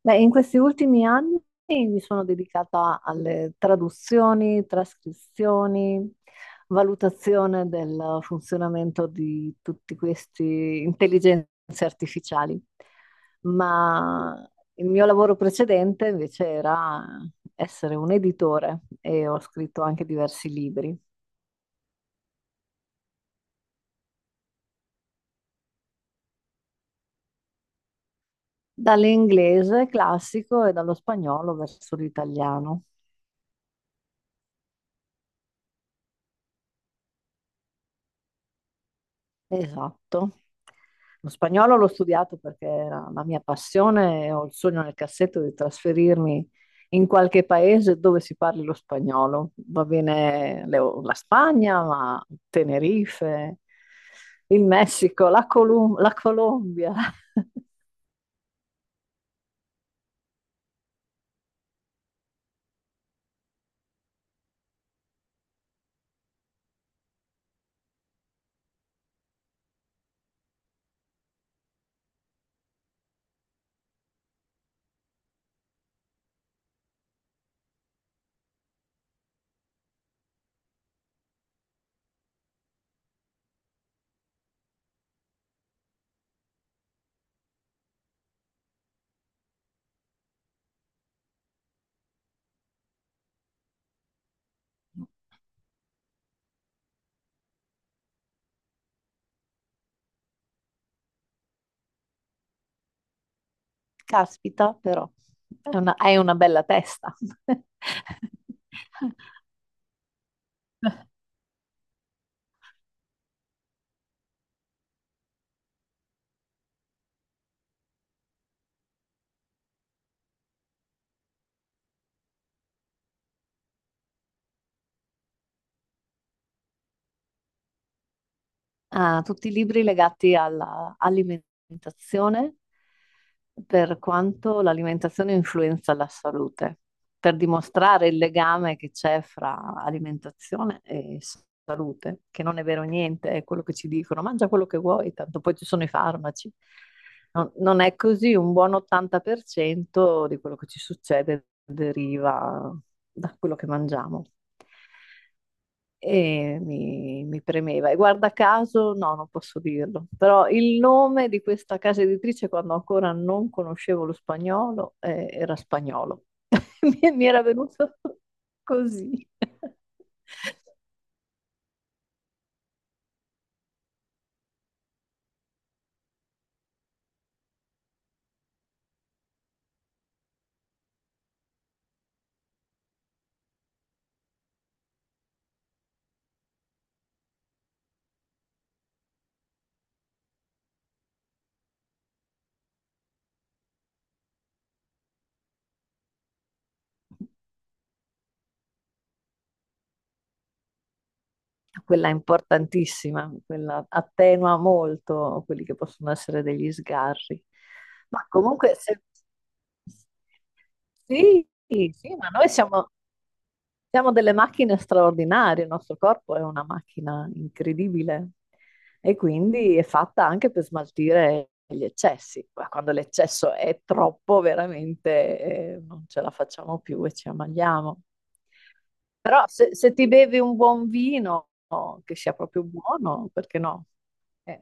Beh, in questi ultimi anni mi sono dedicata alle traduzioni, trascrizioni, valutazione del funzionamento di tutti questi intelligenze artificiali, ma il mio lavoro precedente invece era essere un editore e ho scritto anche diversi libri, dall'inglese classico e dallo spagnolo verso l'italiano. Esatto. Lo spagnolo l'ho studiato perché era la mia passione e ho il sogno nel cassetto di trasferirmi in qualche paese dove si parli lo spagnolo. Va bene la Spagna, ma Tenerife, il Messico, la Colombia. Caspita, però, hai una bella testa. Ah, tutti i libri legati all'alimentazione, per quanto l'alimentazione influenza la salute, per dimostrare il legame che c'è fra alimentazione e salute, che non è vero niente, è quello che ci dicono, mangia quello che vuoi, tanto poi ci sono i farmaci. Non è così, un buon 80% di quello che ci succede deriva da quello che mangiamo. E mi premeva. E guarda caso, no, non posso dirlo, però il nome di questa casa editrice, quando ancora non conoscevo lo spagnolo, era spagnolo. Mi era venuto così. Quella è importantissima, quella attenua molto quelli che possono essere degli sgarri. Ma comunque, se... sì, sì, ma noi siamo. Siamo delle macchine straordinarie, il nostro corpo è una macchina incredibile e quindi è fatta anche per smaltire gli eccessi. Ma quando l'eccesso è troppo, veramente non ce la facciamo più e ci ammaliamo. Però se ti bevi un buon vino, che sia proprio buono, perché no? Eh,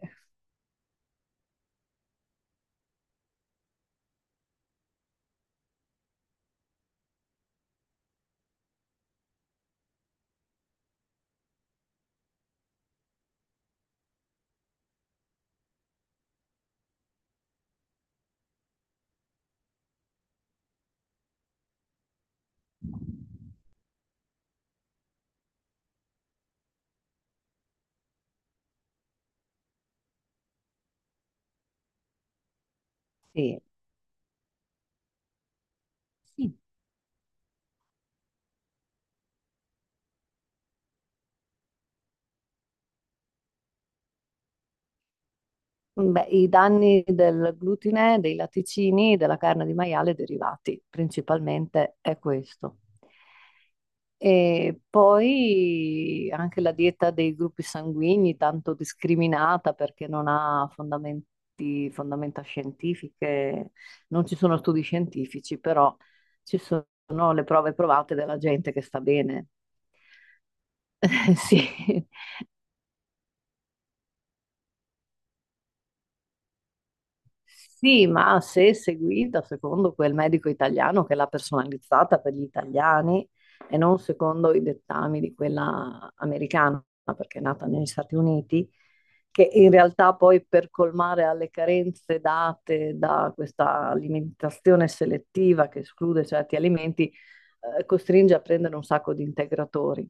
sì. Sì. Beh, i danni del glutine, dei latticini, della carne di maiale derivati, principalmente è questo. E poi anche la dieta dei gruppi sanguigni, tanto discriminata perché non ha fondamenta scientifiche, non ci sono studi scientifici, però ci sono le prove provate della gente che sta bene. Sì. Sì, ma se seguita secondo quel medico italiano che l'ha personalizzata per gli italiani e non secondo i dettami di quella americana, perché è nata negli Stati Uniti che in realtà poi per colmare alle carenze date da questa alimentazione selettiva che esclude certi alimenti, costringe a prendere un sacco di integratori.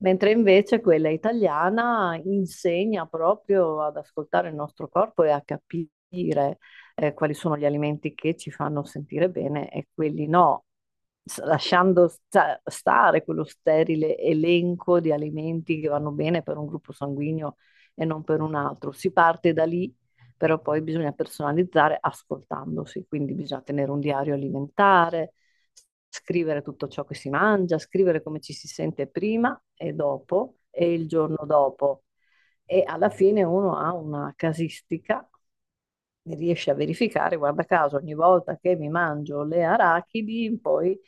Mentre invece quella italiana insegna proprio ad ascoltare il nostro corpo e a capire quali sono gli alimenti che ci fanno sentire bene e quelli no, lasciando stare quello sterile elenco di alimenti che vanno bene per un gruppo sanguigno e non per un altro. Si parte da lì, però poi bisogna personalizzare ascoltandosi, quindi bisogna tenere un diario alimentare, scrivere tutto ciò che si mangia, scrivere come ci si sente prima e dopo e il giorno dopo. E alla fine uno ha una casistica e riesce a verificare, guarda caso, ogni volta che mi mangio le arachidi, poi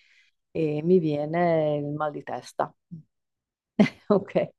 mi viene il mal di testa. Ok.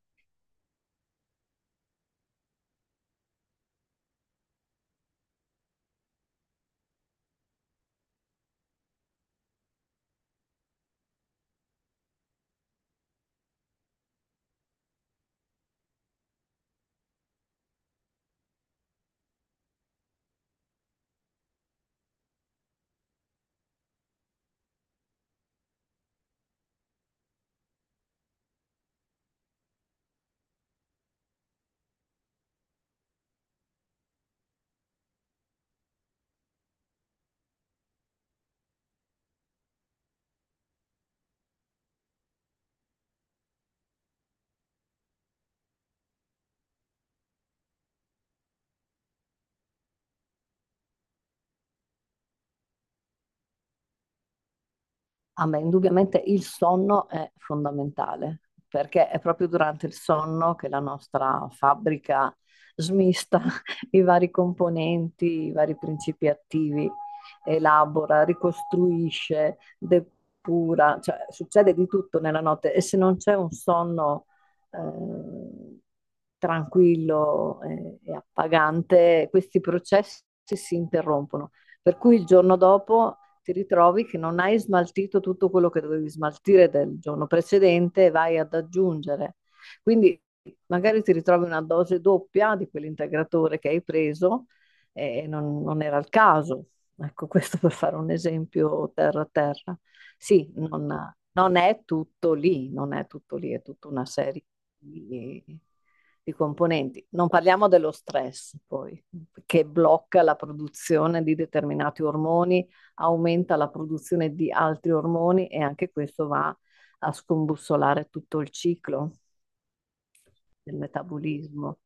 Ah, beh, indubbiamente il sonno è fondamentale, perché è proprio durante il sonno che la nostra fabbrica smista i vari componenti, i vari principi attivi, elabora, ricostruisce, depura, cioè succede di tutto nella notte e se non c'è un sonno eh, tranquillo e appagante, questi processi si interrompono, per cui il giorno dopo ti ritrovi che non hai smaltito tutto quello che dovevi smaltire del giorno precedente e vai ad aggiungere. Quindi magari ti ritrovi una dose doppia di quell'integratore che hai preso e non era il caso. Ecco, questo per fare un esempio terra a terra. Sì, non è tutto lì, non è tutto lì, è tutta una serie di componenti. Non parliamo dello stress, poi, che blocca la produzione di determinati ormoni, aumenta la produzione di altri ormoni e anche questo va a scombussolare tutto il ciclo del metabolismo.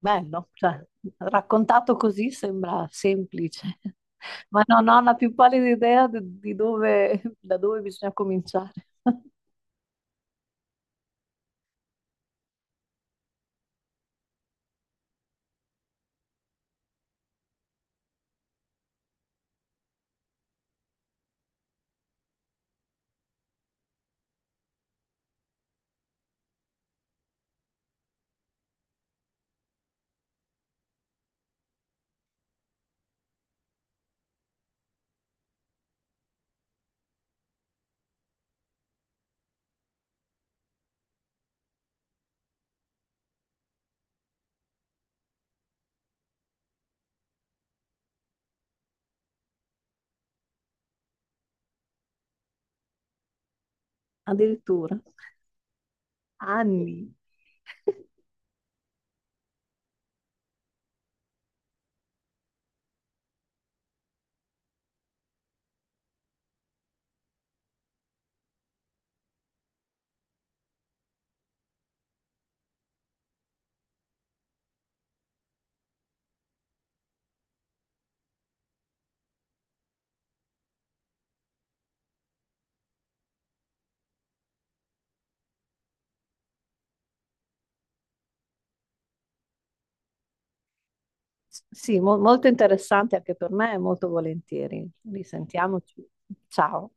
Bello, cioè, raccontato così sembra semplice, ma no, non ho la più pallida idea di dove, da dove bisogna cominciare. Addirittura anni. Sì, molto interessante anche per me, molto volentieri. Risentiamoci. Ciao.